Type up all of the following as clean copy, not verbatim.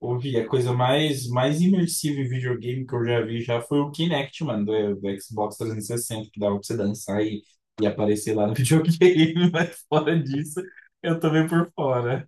Ouvi, a coisa mais imersiva em videogame que eu já vi já foi o Kinect, mano, do Xbox 360, que dava pra você dançar e aparecer lá no videogame, mas fora disso, eu tô meio por fora.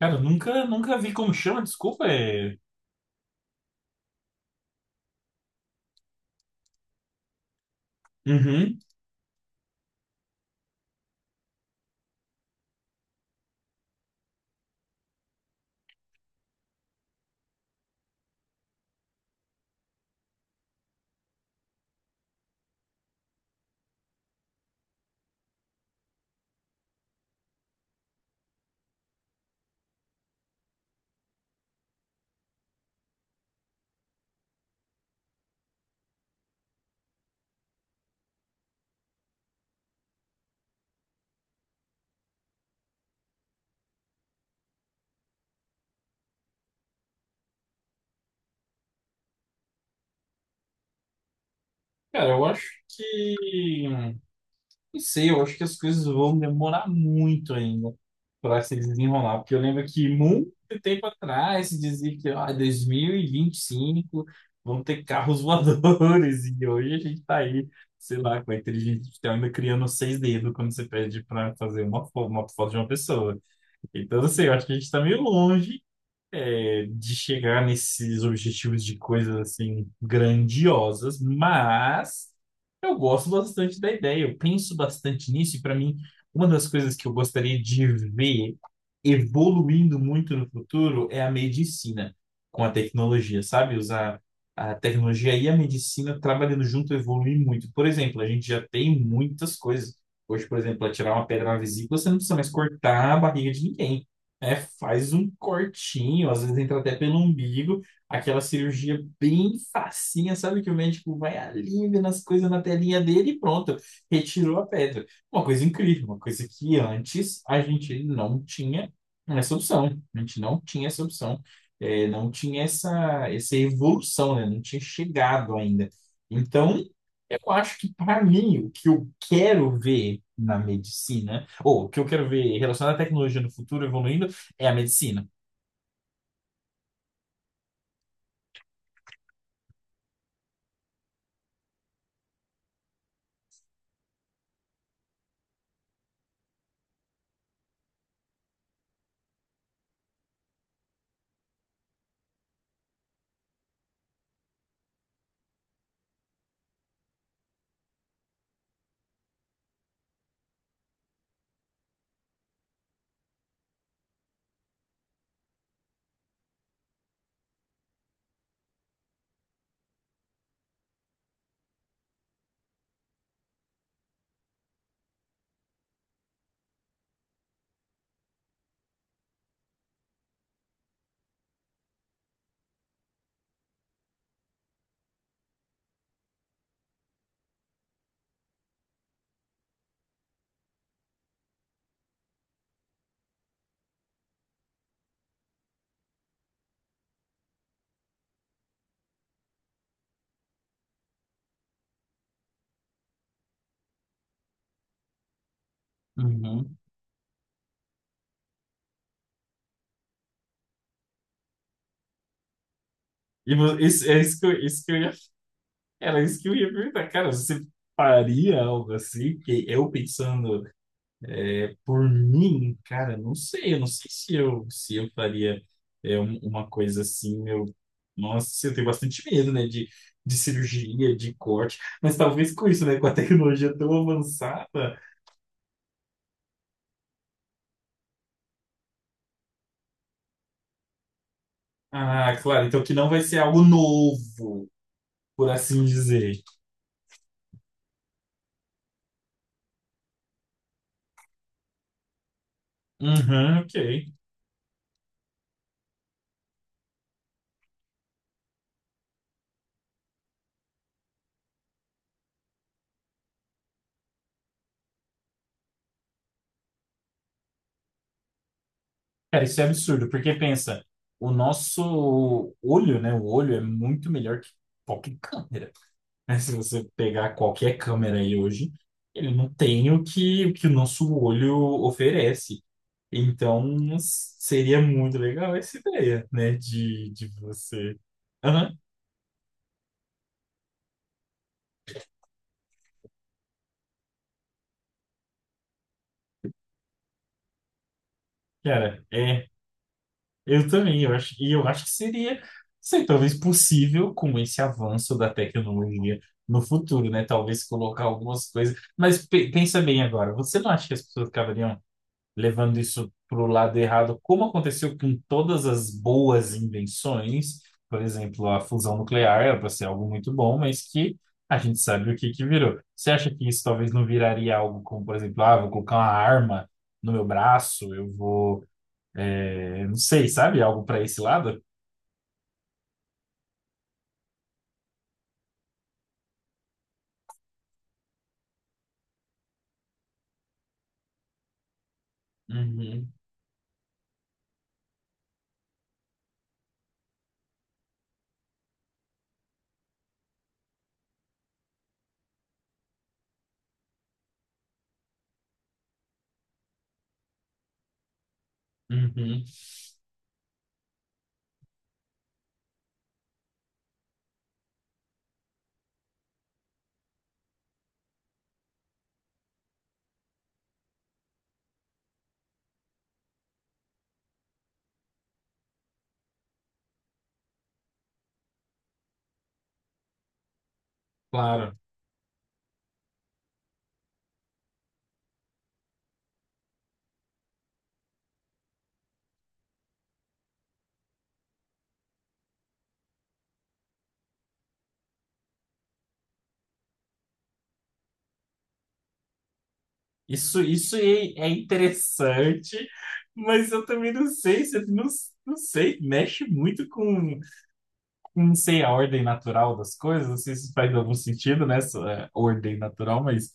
Cara, eu nunca vi como chama, desculpa, Uhum. Cara, eu acho que. Não sei, eu acho que as coisas vão demorar muito ainda para se desenrolar, porque eu lembro que muito tempo atrás se dizia que ah, dois mil e vinte e cinco vão ter carros voadores, e hoje a gente tá aí, sei lá, com a inteligência artificial ainda criando seis dedos quando você pede para fazer uma foto de uma pessoa. Então, assim, eu acho que a gente tá meio longe de chegar nesses objetivos de coisas assim grandiosas, mas eu gosto bastante da ideia, eu penso bastante nisso, e para mim, uma das coisas que eu gostaria de ver evoluindo muito no futuro é a medicina com a tecnologia, sabe? Usar a tecnologia e a medicina trabalhando junto evoluir muito. Por exemplo, a gente já tem muitas coisas. Hoje, por exemplo, para tirar uma pedra na vesícula, você não precisa mais cortar a barriga de ninguém. É, faz um cortinho, às vezes entra até pelo umbigo, aquela cirurgia bem facinha, sabe? Que o médico vai ali vendo as coisas na telinha dele e pronto, retirou a pedra. Uma coisa incrível, uma coisa que antes a gente não tinha essa opção, a gente não tinha essa opção, não tinha essa evolução, né? Não tinha chegado ainda. Então, eu acho que para mim, o que eu quero ver na medicina, ou o que eu quero ver relacionado à tecnologia no futuro evoluindo, é a medicina. Uhum. Isso que eu ia, era isso que eu ia perguntar. Cara, você faria algo assim? Porque eu pensando por mim, cara, não sei, eu não sei se eu faria uma coisa assim. Eu, nossa, eu tenho bastante medo, né? De cirurgia, de corte. Mas talvez com isso, né? Com a tecnologia tão avançada. Ah, claro, então que não vai ser algo novo, por assim dizer. Uhum, ok. Cara, isso é absurdo, porque pensa, o nosso olho, né? O olho é muito melhor que qualquer câmera. Né? Se você pegar qualquer câmera aí hoje, ele não tem o que o nosso olho oferece. Então, seria muito legal essa ideia, né? De você. Aham, cara, é. Eu também, eu acho, e eu acho que seria, sei, talvez possível com esse avanço da tecnologia no futuro, né? Talvez colocar algumas coisas. Mas pensa bem agora, você não acha que as pessoas acabariam levando isso para o lado errado, como aconteceu com todas as boas invenções? Por exemplo, a fusão nuclear era para ser algo muito bom, mas que a gente sabe o que que virou. Você acha que isso talvez não viraria algo como, por exemplo, ah, vou colocar uma arma no meu braço, eu vou não sei, sabe? Algo para esse lado? Uhum, uhum, claro. Isso é, é interessante, mas eu também não sei, não, não sei, mexe muito com, não sei, a ordem natural das coisas, não sei se faz algum sentido nessa ordem natural, mas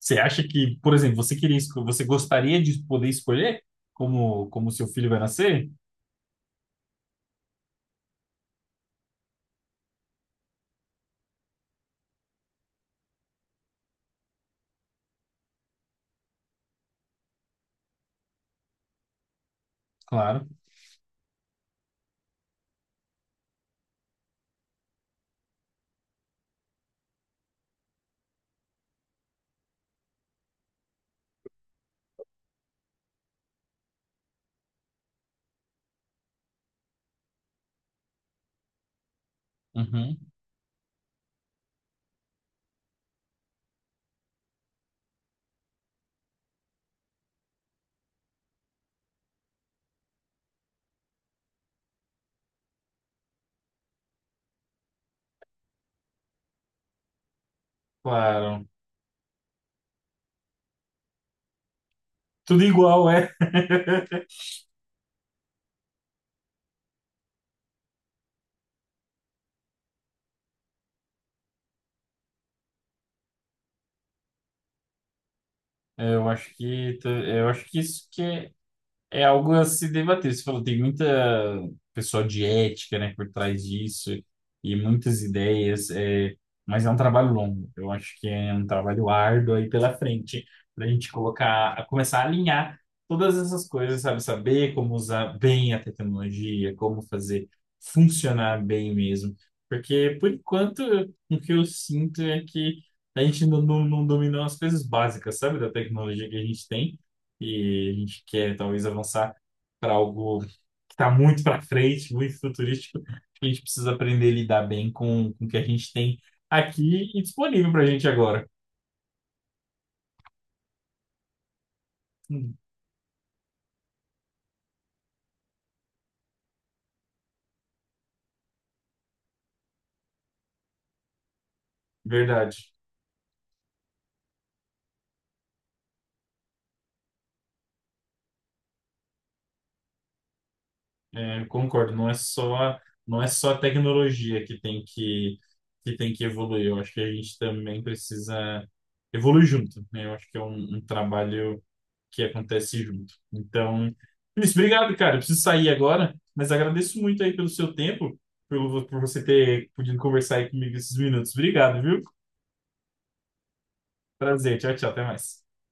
você acha que, por exemplo, você queria, você gostaria de poder escolher como, como seu filho vai nascer? Claro. Uhum, claro. Tudo igual, é. Eu acho que é algo a se debater. Você falou, tem muita pessoa de ética, né, por trás disso e muitas ideias, mas é um trabalho longo. Eu acho que é um trabalho árduo aí pela frente para a gente colocar, a começar a alinhar todas essas coisas, sabe? Saber como usar bem a tecnologia, como fazer funcionar bem mesmo. Porque, por enquanto, o que eu sinto é que a gente não dominou as coisas básicas, sabe, da tecnologia que a gente tem e a gente quer talvez avançar para algo que está muito para frente, muito futurístico, a gente precisa aprender a lidar bem com o que a gente tem aqui e disponível para a gente agora. Hum. Verdade. É, concordo, não é só a tecnologia que tem que evoluir. Eu acho que a gente também precisa evoluir junto, né? Eu acho que é um trabalho que acontece junto. Então, Luiz, obrigado, cara. Eu preciso sair agora, mas agradeço muito aí pelo seu tempo, pelo, por você ter podido conversar aí comigo esses minutos. Obrigado, viu? Prazer. Tchau, tchau. Até mais.